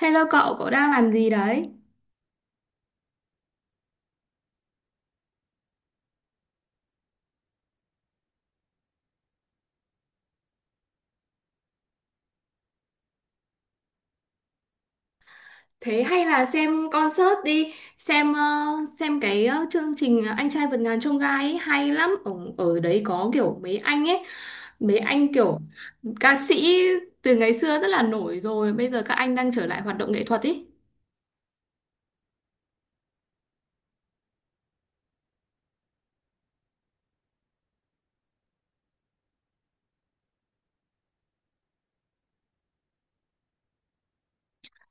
Hello cậu, cậu đang làm gì đấy? Thế hay là xem concert đi, xem ờ, xem cái ờ, chương trình Anh trai vượt ngàn chông gai ấy, hay lắm. Ở đấy có kiểu mấy anh kiểu ca sĩ từ ngày xưa rất là nổi rồi, bây giờ các anh đang trở lại hoạt động nghệ thuật ấy.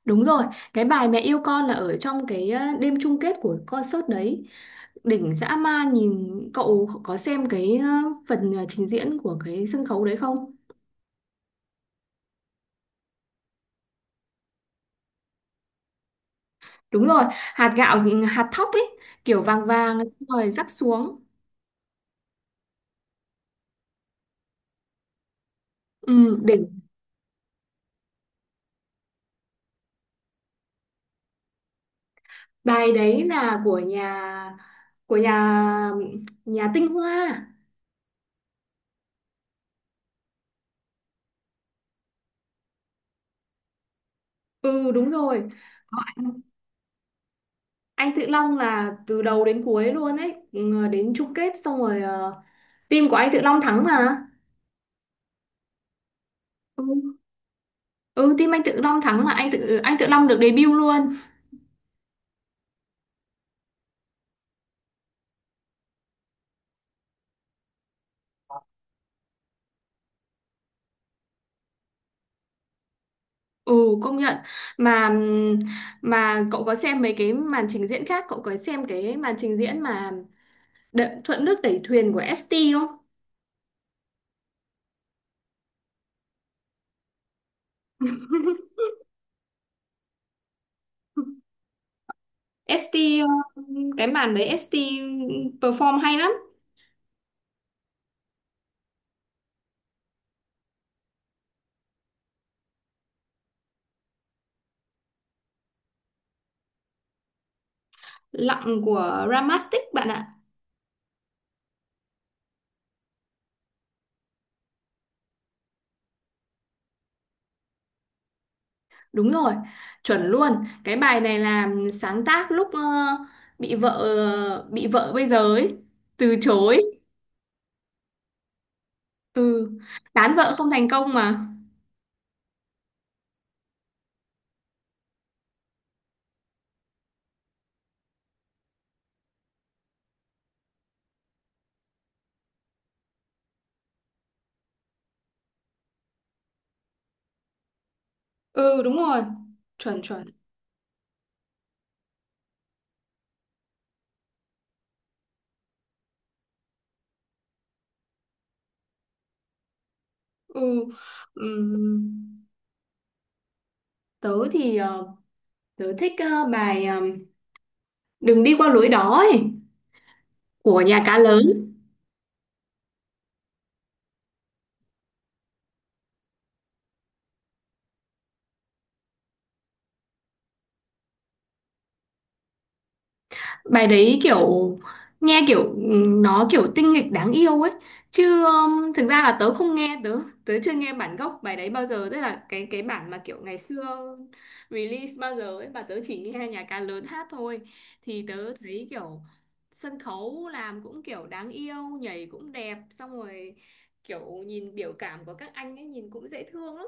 Đúng rồi, cái bài Mẹ yêu con là ở trong cái đêm chung kết của concert đấy. Đỉnh dã man, nhìn cậu có xem cái phần trình diễn của cái sân khấu đấy không? Đúng rồi, hạt gạo hạt thóc ấy kiểu vàng vàng xong rồi rắc xuống. Ừ, đỉnh. Bài đấy là của nhà nhà Tinh Hoa. Ừ, đúng rồi. Có anh Tự Long là từ đầu đến cuối luôn ấy, ừ, đến chung kết xong rồi team của anh Tự Long thắng mà. Ừ, ừ, team anh Tự Long thắng mà anh Tự Long được debut luôn. Ừ, công nhận. Mà mà cậu có xem mấy cái màn trình diễn khác, cậu có xem cái màn trình diễn mà Thuận nước đẩy thuyền của ST không? ST ờ, cái màn đấy ST perform hay lắm. Lặng của Ramastic bạn ạ. Đúng rồi, chuẩn luôn. Cái bài này là sáng tác lúc bị vợ bây giờ ấy từ chối, từ tán vợ không thành công mà. Ừ, đúng rồi, chuẩn chuẩn. Ừ. Ừm, Tớ thì tớ thích bài Đừng đi qua lối đó ấy của nhà cá lớn. Bài đấy kiểu nghe kiểu nó kiểu tinh nghịch đáng yêu ấy chứ thực ra là tớ không nghe, tớ tớ chưa nghe bản gốc bài đấy bao giờ, tức là cái bản mà kiểu ngày xưa release bao giờ ấy, mà tớ chỉ nghe nhà ca lớn hát thôi. Thì tớ thấy kiểu sân khấu làm cũng kiểu đáng yêu, nhảy cũng đẹp xong rồi kiểu nhìn biểu cảm của các anh ấy nhìn cũng dễ thương lắm.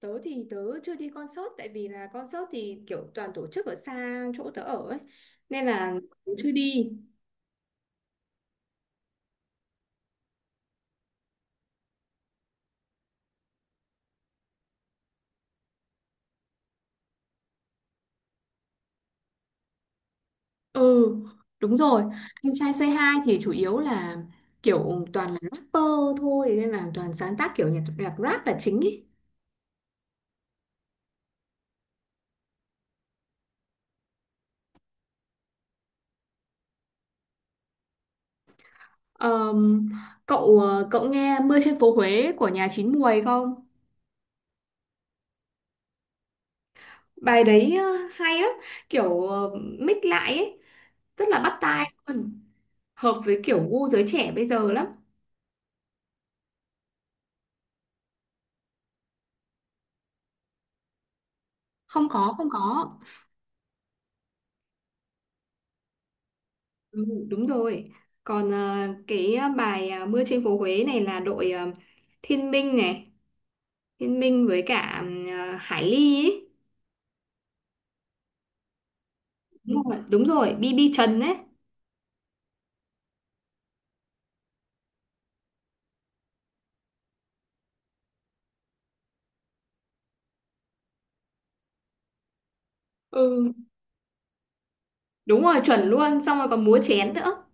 Tớ thì tớ chưa đi concert tại vì là concert thì kiểu toàn tổ chức ở xa chỗ tớ ở ấy nên là tớ chưa đi. Ừ, đúng rồi. Anh trai Say Hi thì chủ yếu là kiểu toàn là rapper thôi nên là toàn sáng tác kiểu nhạc nhạc rap là chính ý. Ờm, cậu nghe Mưa trên phố Huế của nhà Chín Muồi không? Bài đấy hay lắm, kiểu mix lại ấy, rất là bắt tai luôn. Hợp với kiểu gu giới trẻ bây giờ lắm. Không có, không có. Ừ, đúng rồi. Còn cái bài Mưa trên phố Huế này là đội Thiên Minh này, Thiên Minh với cả Hải Ly ấy. Đúng rồi, BB Trần ấy. Ừ, đúng rồi, chuẩn luôn, xong rồi còn múa chén nữa.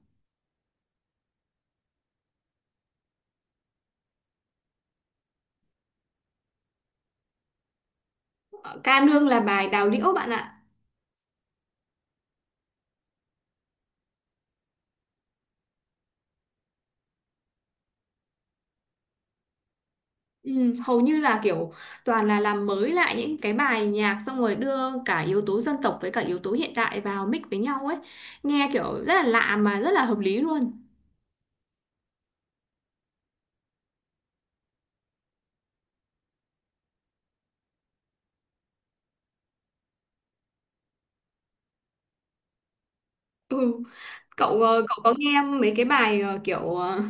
Ờ, Ca nương là bài Đào Liễu bạn ạ. Ừ, hầu như là kiểu toàn là làm mới lại những cái bài nhạc xong rồi đưa cả yếu tố dân tộc với cả yếu tố hiện đại vào mix với nhau ấy. Nghe kiểu rất là lạ mà rất là hợp lý luôn. Ừ. Cậu có nghe mấy cái bài kiểu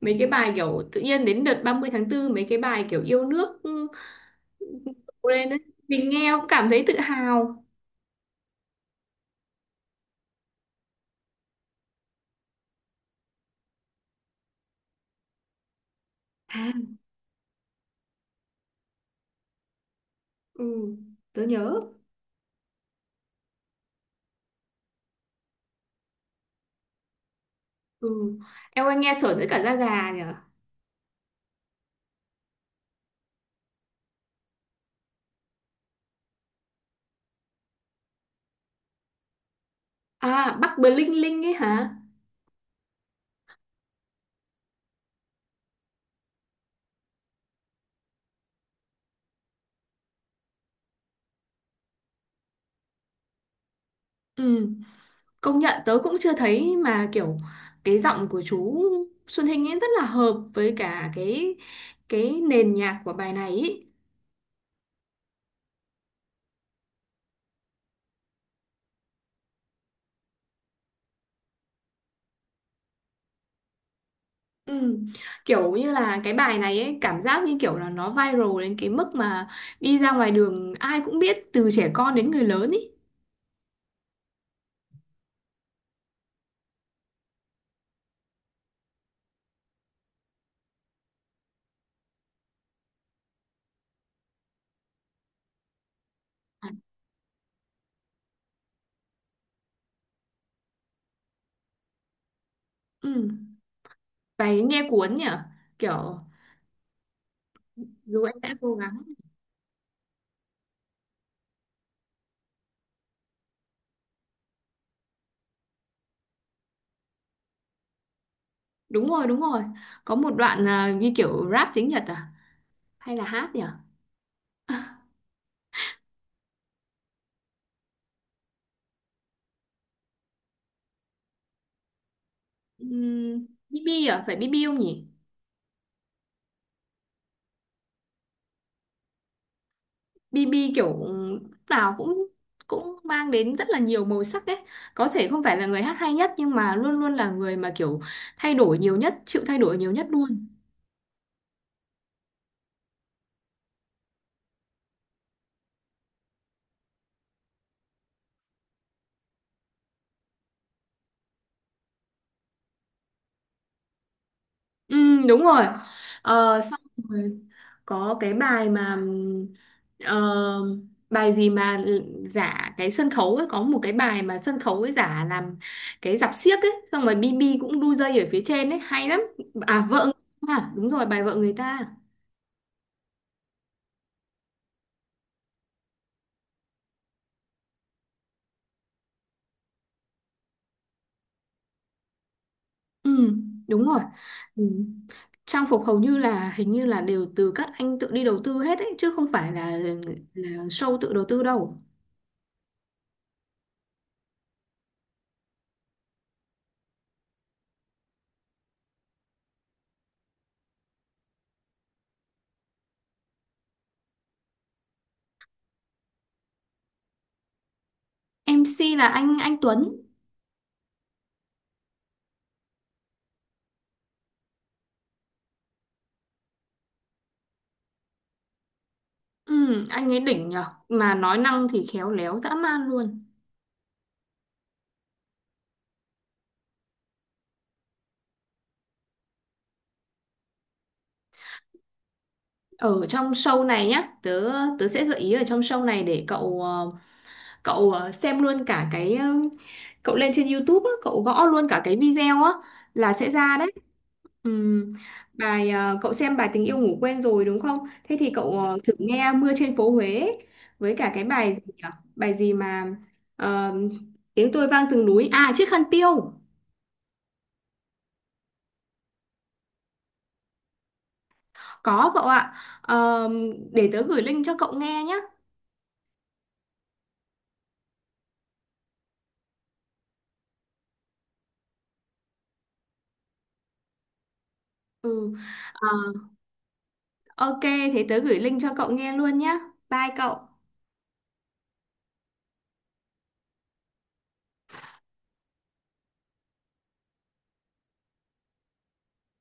mấy cái bài kiểu tự nhiên đến đợt 30 tháng 4 mấy cái bài kiểu yêu nước, ừ, lên đấy. Mình nghe cũng cảm thấy tự hào. À, ừ, tớ nhớ. Ừ. Em ơi nghe sởn tới cả da gà nhỉ. À, Bắc Bling Linh ấy hả? Ừ, công nhận tớ cũng chưa thấy mà kiểu cái giọng của chú Xuân Hinh ấy rất là hợp với cả cái nền nhạc của bài này ý. Ừ. Kiểu như là cái bài này ấy, cảm giác như kiểu là nó viral đến cái mức mà đi ra ngoài đường ai cũng biết từ trẻ con đến người lớn ý. À. Ừ. Bài nghe cuốn nhỉ? Kiểu dù em đã cố gắng. Đúng rồi, đúng rồi. Có một đoạn à, như kiểu rap tiếng Nhật à? Hay là hát nhỉ? Ừ. BB à? Phải BB không nhỉ? BB kiểu nào cũng cũng mang đến rất là nhiều màu sắc ấy. Có thể không phải là người hát hay nhất nhưng mà luôn luôn là người mà kiểu thay đổi nhiều nhất, chịu thay đổi nhiều nhất luôn. Ừ, đúng rồi. Ờ, xong rồi có cái bài mà ờ, bài gì mà giả cái sân khấu ấy, có một cái bài mà sân khấu ấy giả làm cái rạp xiếc ấy xong rồi bi bi cũng đu dây ở phía trên ấy hay lắm. À, vợ người ta, à, đúng rồi, bài vợ người ta. Ừ, đúng rồi. Ừ. Trang phục hầu như là, hình như là, đều từ các anh tự đi đầu tư hết ấy chứ không phải là show tự đầu tư đâu. MC là anh Tuấn. Ừ, anh ấy đỉnh nhở mà nói năng thì khéo léo dã man luôn. Ở trong show này nhá, tớ tớ sẽ gợi ý ở trong show này để xem luôn cả cái cậu lên trên YouTube á, cậu gõ luôn cả cái video á là sẽ ra đấy. Ừm, Cậu xem bài tình yêu ngủ quên rồi đúng không? Thế thì cậu thử nghe mưa trên phố Huế ấy, với cả cái bài gì nhỉ? Bài gì mà ờ, tiếng tôi vang rừng núi à chiếc khăn tiêu? Có cậu ạ. Ờ, để tớ gửi link cho cậu nghe nhé. Ừ. Ờ, ok, thế tớ gửi link cho cậu nghe luôn nhé. Bye cậu.